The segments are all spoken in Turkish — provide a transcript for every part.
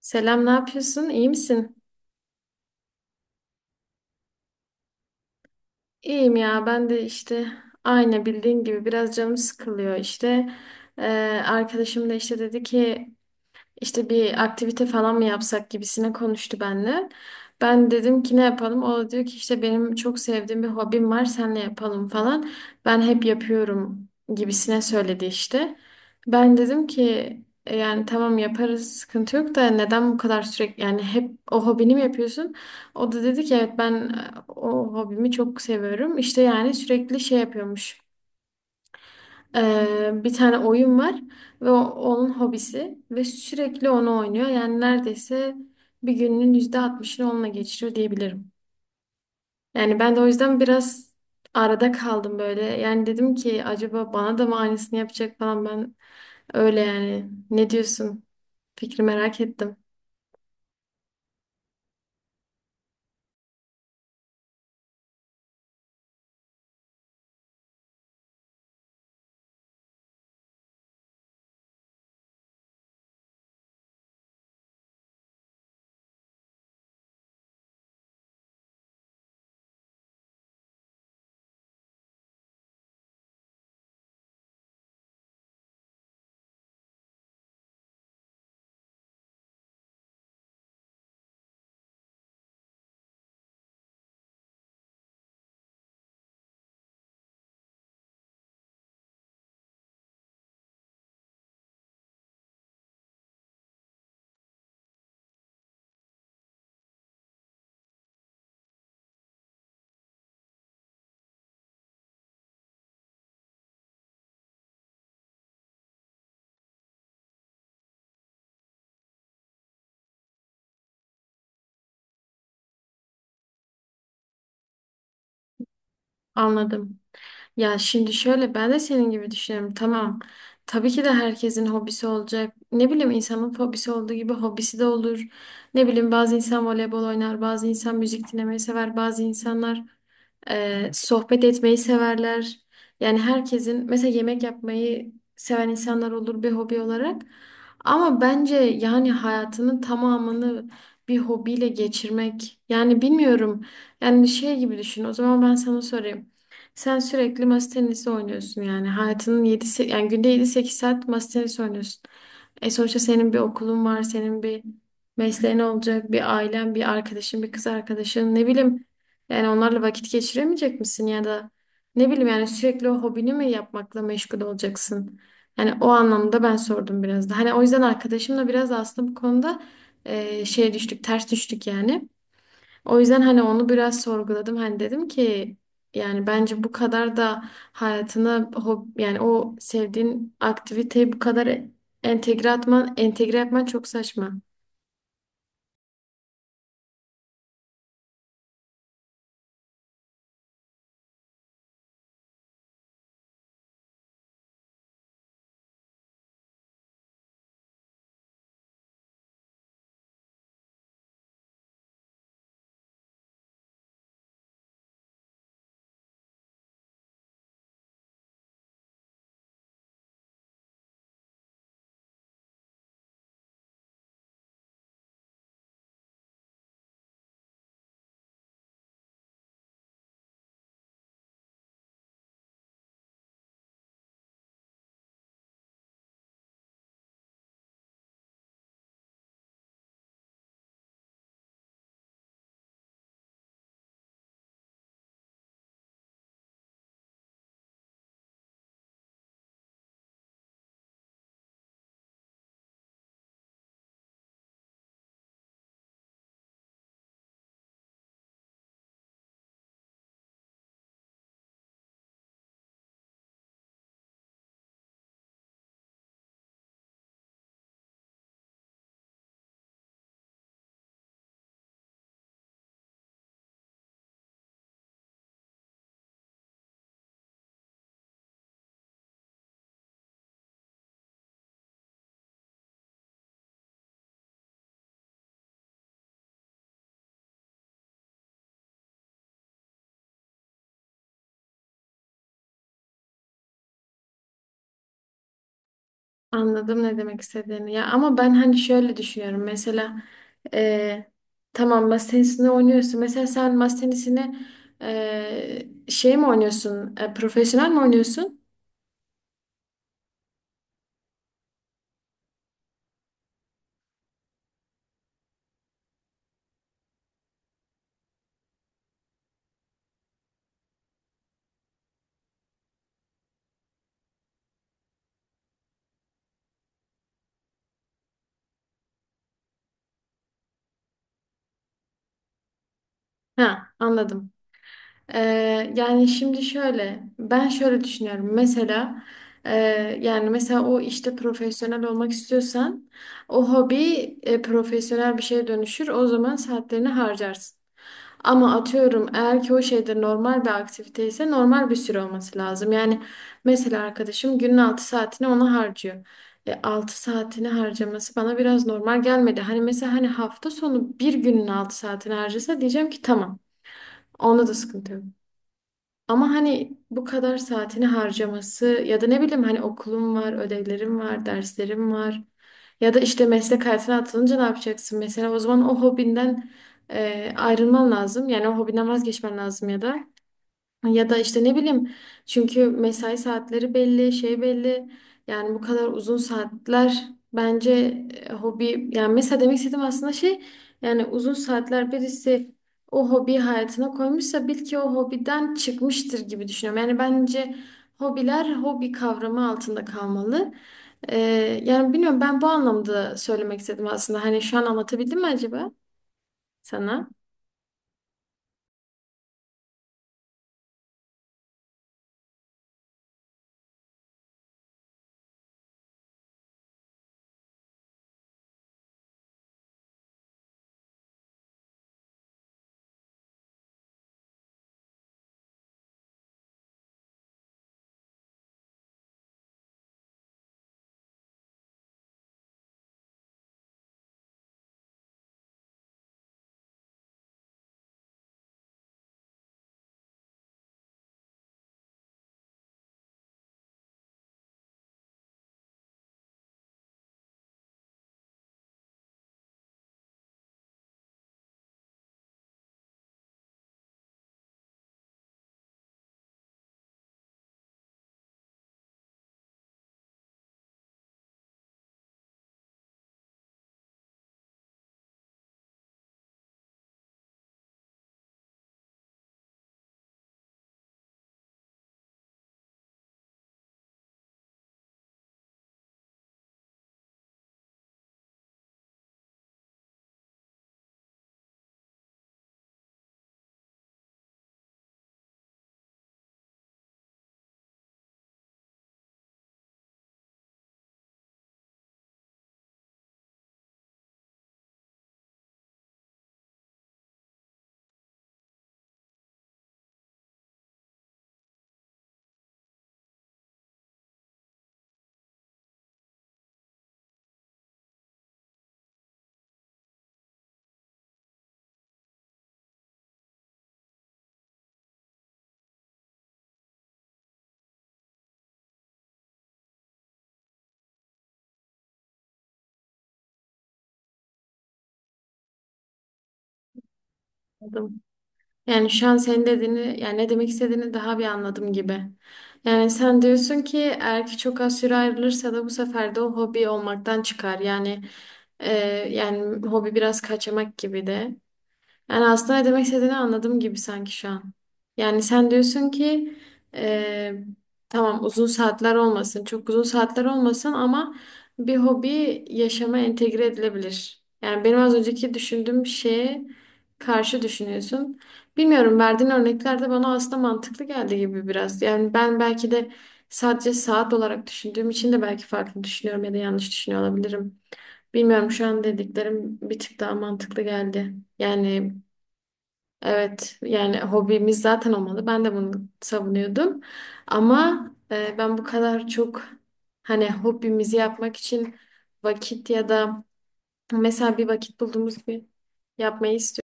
Selam, ne yapıyorsun? İyi misin? İyiyim ya, ben de işte aynı bildiğin gibi biraz canım sıkılıyor işte. Ee, Arkadaşım da işte dedi ki İşte bir aktivite falan mı yapsak gibisine konuştu benimle. Ben dedim ki ne yapalım? O da diyor ki işte benim çok sevdiğim bir hobim var, senle yapalım falan. Ben hep yapıyorum gibisine söyledi işte. Ben dedim ki " yani tamam yaparız, sıkıntı yok da neden bu kadar sürekli, yani hep o hobini mi yapıyorsun? O da dedi ki evet, ben o hobimi çok seviyorum. İşte yani sürekli şey yapıyormuş. Bir tane oyun var ve onun hobisi ve sürekli onu oynuyor. Yani neredeyse bir gününün %60'ını onunla geçiriyor diyebilirim. Yani ben de o yüzden biraz arada kaldım böyle. Yani dedim ki acaba bana da mı aynısını yapacak falan, ben öyle yani. Ne diyorsun? Fikri merak ettim. Anladım. Ya şimdi şöyle, ben de senin gibi düşünüyorum. Tamam. Tabii ki de herkesin hobisi olacak. Ne bileyim, insanın hobisi olduğu gibi hobisi de olur. Ne bileyim, bazı insan voleybol oynar, bazı insan müzik dinlemeyi sever, bazı insanlar sohbet etmeyi severler. Yani herkesin mesela yemek yapmayı seven insanlar olur bir hobi olarak. Ama bence yani hayatının tamamını bir hobiyle geçirmek, yani bilmiyorum. Yani şey gibi düşün. O zaman ben sana sorayım. Sen sürekli masa tenisi oynuyorsun yani. Hayatının 7 yani günde yedi sekiz saat masa tenisi oynuyorsun. E sonuçta senin bir okulun var, senin bir mesleğin olacak, bir ailen, bir arkadaşın, bir kız arkadaşın, ne bileyim. Yani onlarla vakit geçiremeyecek misin ya da ne bileyim, yani sürekli o hobini mi yapmakla meşgul olacaksın? Yani o anlamda ben sordum biraz da. Hani o yüzden arkadaşımla biraz da aslında bu konuda şey düştük, ters düştük yani. O yüzden hani onu biraz sorguladım. Hani dedim ki yani bence bu kadar da hayatına hob yani o sevdiğin aktiviteyi bu kadar entegre atman, entegre yapman çok saçma. Anladım ne demek istediğini. Ya ama ben hani şöyle düşünüyorum. Mesela e, tamam, masa tenisini oynuyorsun. Mesela sen masa tenisini şey mi oynuyorsun? E, profesyonel mi oynuyorsun? Ha, anladım. Yani şimdi şöyle, ben şöyle düşünüyorum. Mesela e, yani mesela o işte profesyonel olmak istiyorsan o hobi profesyonel bir şeye dönüşür. O zaman saatlerini harcarsın. Ama atıyorum, eğer ki o şeyde normal bir aktivite ise normal bir süre olması lazım. Yani mesela arkadaşım günün 6 saatini ona harcıyor. E, 6 saatini harcaması bana biraz normal gelmedi. Hani mesela hani hafta sonu bir günün 6 saatini harcasa diyeceğim ki tamam. Onda da sıkıntı yok. Ama hani bu kadar saatini harcaması ya da ne bileyim, hani okulum var, ödevlerim var, derslerim var. Ya da işte meslek hayatına atılınca ne yapacaksın? Mesela o zaman o hobinden ayrılman lazım. Yani o hobinden vazgeçmen lazım ya da. Ya da işte ne bileyim, çünkü mesai saatleri belli, şey belli. Yani bu kadar uzun saatler bence hobi yani mesela demek istediğim aslında şey, yani uzun saatler birisi o hobi hayatına koymuşsa bil ki o hobiden çıkmıştır gibi düşünüyorum. Yani bence hobiler hobi kavramı altında kalmalı. Ee, Yani bilmiyorum, ben bu anlamda söylemek istedim aslında. Hani şu an anlatabildim mi acaba sana? Yani şu an senin dediğini, yani ne demek istediğini daha bir anladım gibi. Yani sen diyorsun ki eğer ki çok az süre ayrılırsa da bu sefer de o hobi olmaktan çıkar. Yani e, yani hobi biraz kaçamak gibi de. Yani aslında ne demek istediğini anladım gibi sanki şu an. Yani sen diyorsun ki e, tamam uzun saatler olmasın, çok uzun saatler olmasın ama bir hobi yaşama entegre edilebilir. Yani benim az önceki düşündüğüm şeye karşı düşünüyorsun. Bilmiyorum, verdiğin örnekler de bana aslında mantıklı geldi gibi biraz. Yani ben belki de sadece saat olarak düşündüğüm için de belki farklı düşünüyorum ya da yanlış düşünüyor olabilirim. Bilmiyorum, şu an dediklerim bir tık daha mantıklı geldi. Yani evet, yani hobimiz zaten olmalı. Ben de bunu savunuyordum. Ama ben bu kadar çok hani hobimizi yapmak için vakit ya da mesela bir vakit bulduğumuz gibi yapmayı istiyorum.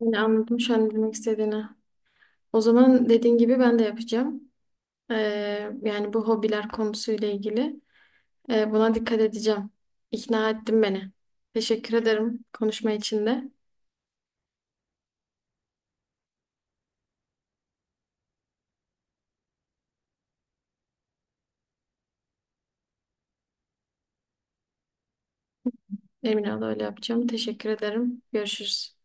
Yani anladım şu an ne demek istediğini. O zaman dediğin gibi ben de yapacağım. E, Yani bu hobiler konusuyla ilgili, e, buna dikkat edeceğim. İkna ettin beni. Teşekkür ederim konuşma için de. Emin ol öyle yapacağım. Teşekkür ederim. Görüşürüz.